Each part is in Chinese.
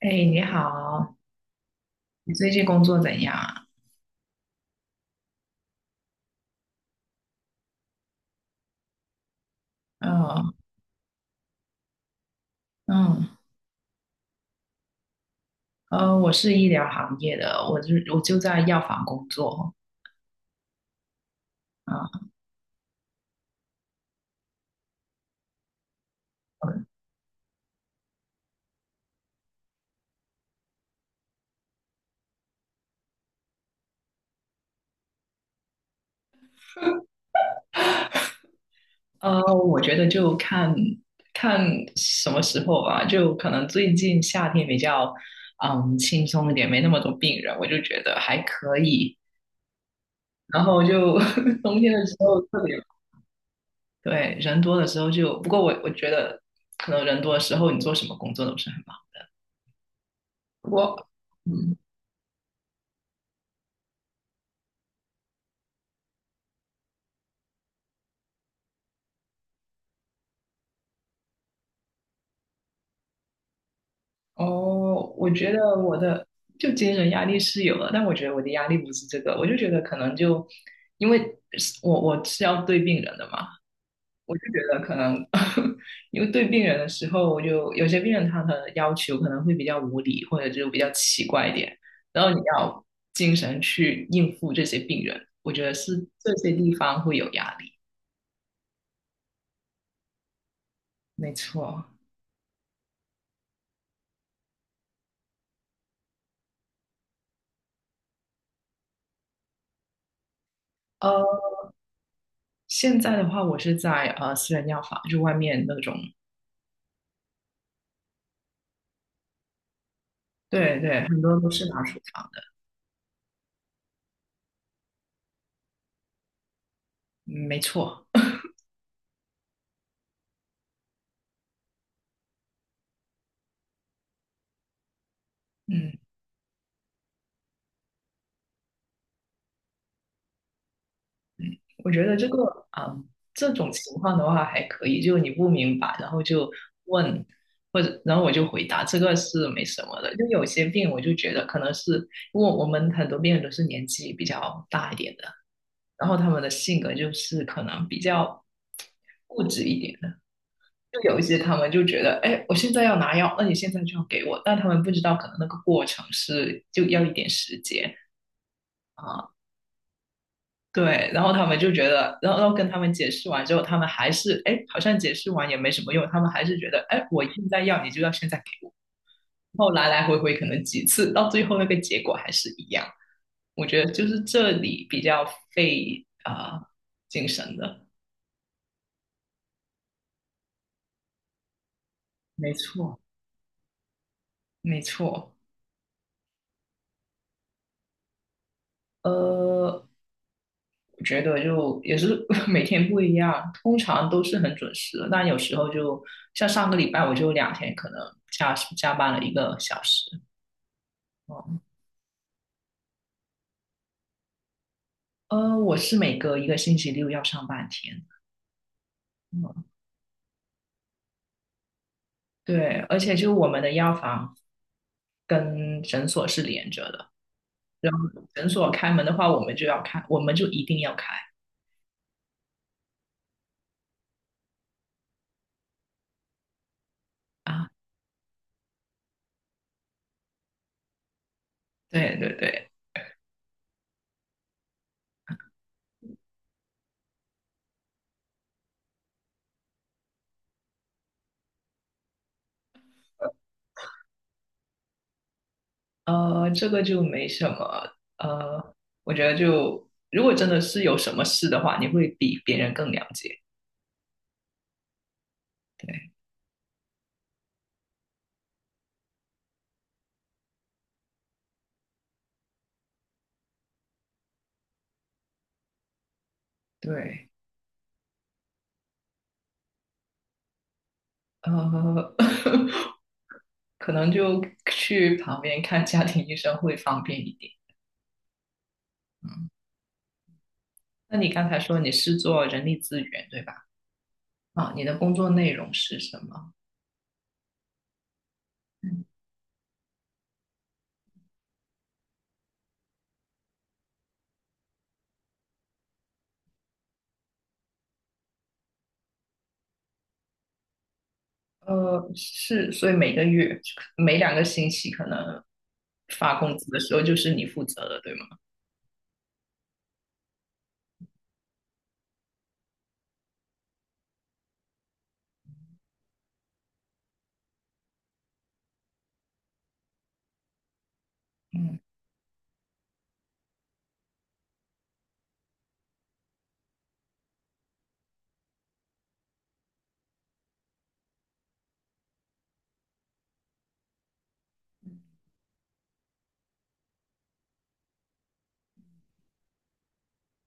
哎，你好，你最近工作怎样啊？嗯嗯。我是医疗行业的，我就在药房工作。啊。呃，我觉得就看看什么时候吧，就可能最近夏天比较轻松一点，没那么多病人，我就觉得还可以。然后就 冬天的时候特别对。人多的时候就，不过我觉得可能人多的时候你做什么工作都不是很忙。我嗯。哦，我觉得我的就精神压力是有了，但我觉得我的压力不是这个，我就觉得可能就因为是我是要对病人的嘛，我就觉得可能 因为对病人的时候，我就有些病人他的要求可能会比较无理，或者就比较奇怪一点，然后你要精神去应付这些病人，我觉得是这些地方会有压力，没错。呃，现在的话，我是在私人药房，就外面那种。对对，很多都是拿处方的，嗯，没错。嗯，我觉得这个啊、这种情况的话还可以，就你不明白，然后就问，或者然后我就回答，这个是没什么的。就有些病，我就觉得可能是因为我们很多病人都是年纪比较大一点的，然后他们的性格就是可能比较固执一点的。就有一些他们就觉得，哎，我现在要拿药，那你现在就要给我，但他们不知道可能那个过程是就要一点时间。啊。对，然后他们就觉得，然后跟他们解释完之后，他们还是，哎，好像解释完也没什么用，他们还是觉得，哎，我现在要，你就要现在给我。然后来来回回可能几次，到最后那个结果还是一样。我觉得就是这里比较费啊、精神的，没错，没错。呃，我觉得就也是 每天不一样，通常都是很准时的，但有时候就像上个礼拜，我就两天可能加班了一个小时。哦。我是每隔一个星期六要上半天。嗯，对，而且就是我们的药房跟诊所是连着的，然后诊所开门的话，我们就要开，我们就一定要开啊。对对对，这个就没什么，我觉得就如果真的是有什么事的话，你会比别人更了解。对对，呃，可能就去旁边看家庭医生会方便一点。嗯，那你刚才说你是做人力资源，对吧？啊，你的工作内容是什么？呃，是，所以每个月、每两个星期可能发工资的时候就是你负责的，对吗？嗯，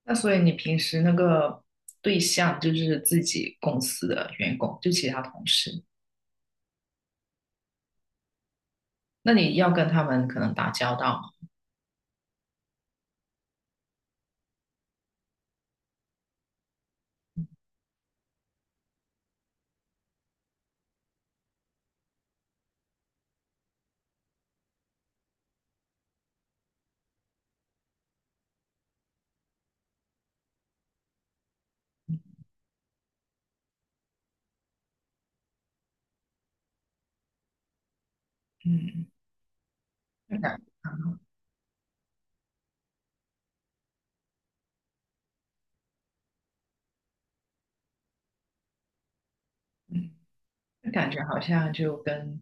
那所以你平时那个对象就是自己公司的员工，就其他同事，那你要跟他们可能打交道吗？嗯，那感，嗯，那感觉好像就跟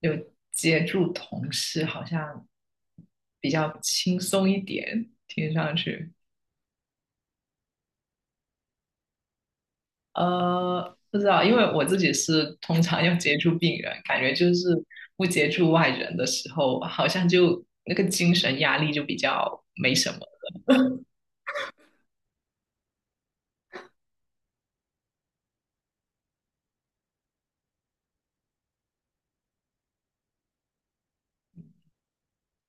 有接触同事好像比较轻松一点，听上去。不知道，因为我自己是通常要接触病人，感觉就是不接触外人的时候，好像就那个精神压力就比较没什么。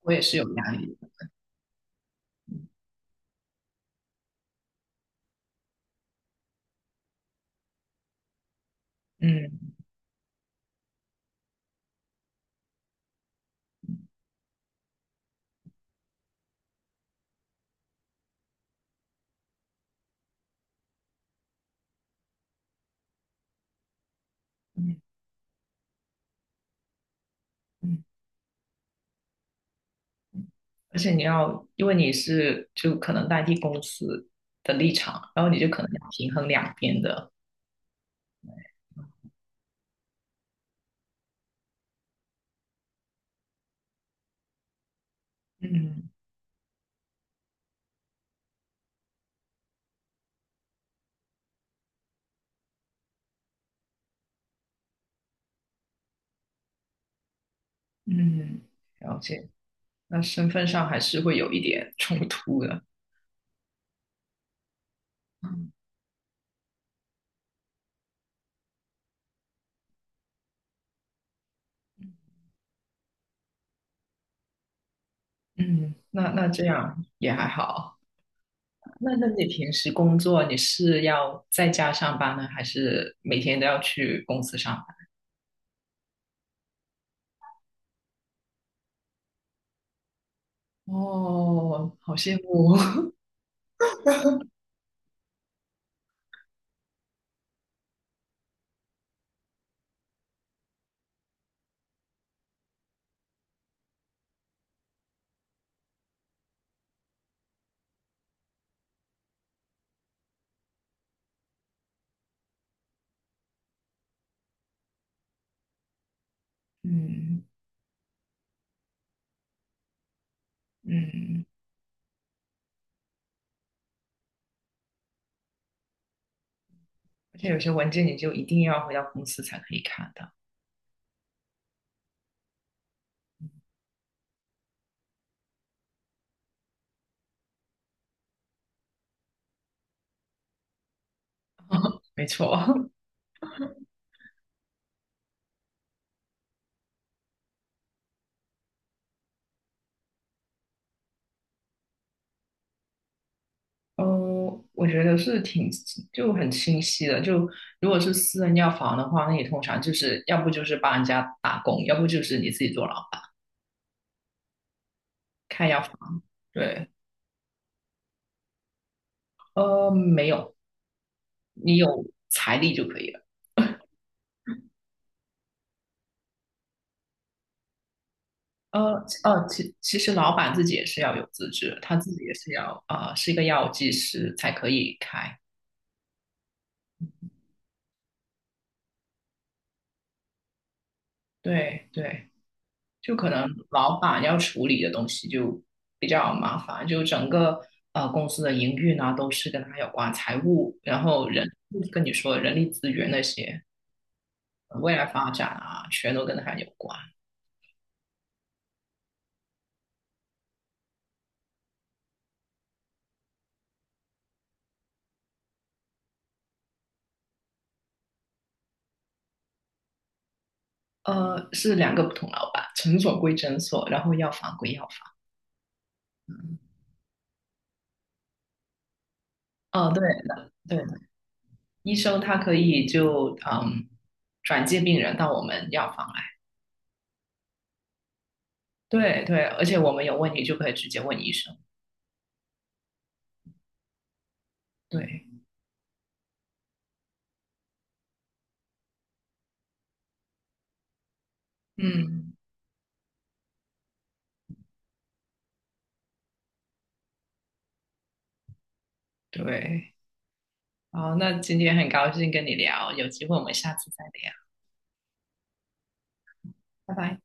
我也是有压力的，嗯嗯嗯，而且你要，因为你是就可能代替公司的立场，然后你就可能要平衡两边的，嗯嗯，了解。那身份上还是会有一点冲突的，嗯，那那这样也还好。那那你平时工作你是要在家上班呢，还是每天都要去公司上班？哦，好羡慕。嗯嗯，而且有些文件你就一定要回到公司才可以看到。没错。哦，我觉得是挺就很清晰的。就如果是私人药房的话，那你通常就是要不就是帮人家打工，要不就是你自己做老板开药房。对，没有，你有财力就可以了。呃其实老板自己也是要有资质，他自己也是要啊、是一个药剂师才可以开。对对，就可能老板要处理的东西就比较麻烦，就整个公司的营运啊都是跟他有关，财务，然后人跟你说人力资源那些，未来发展啊，全都跟他有关。是两个不同老板，诊所归诊所，然后药房归药房。嗯，哦，对的，对。医生他可以就嗯转介病人到我们药房来。对对，而且我们有问题就可以直接问医生。对，嗯，对。好，那今天很高兴跟你聊，有机会我们下次再聊，拜拜。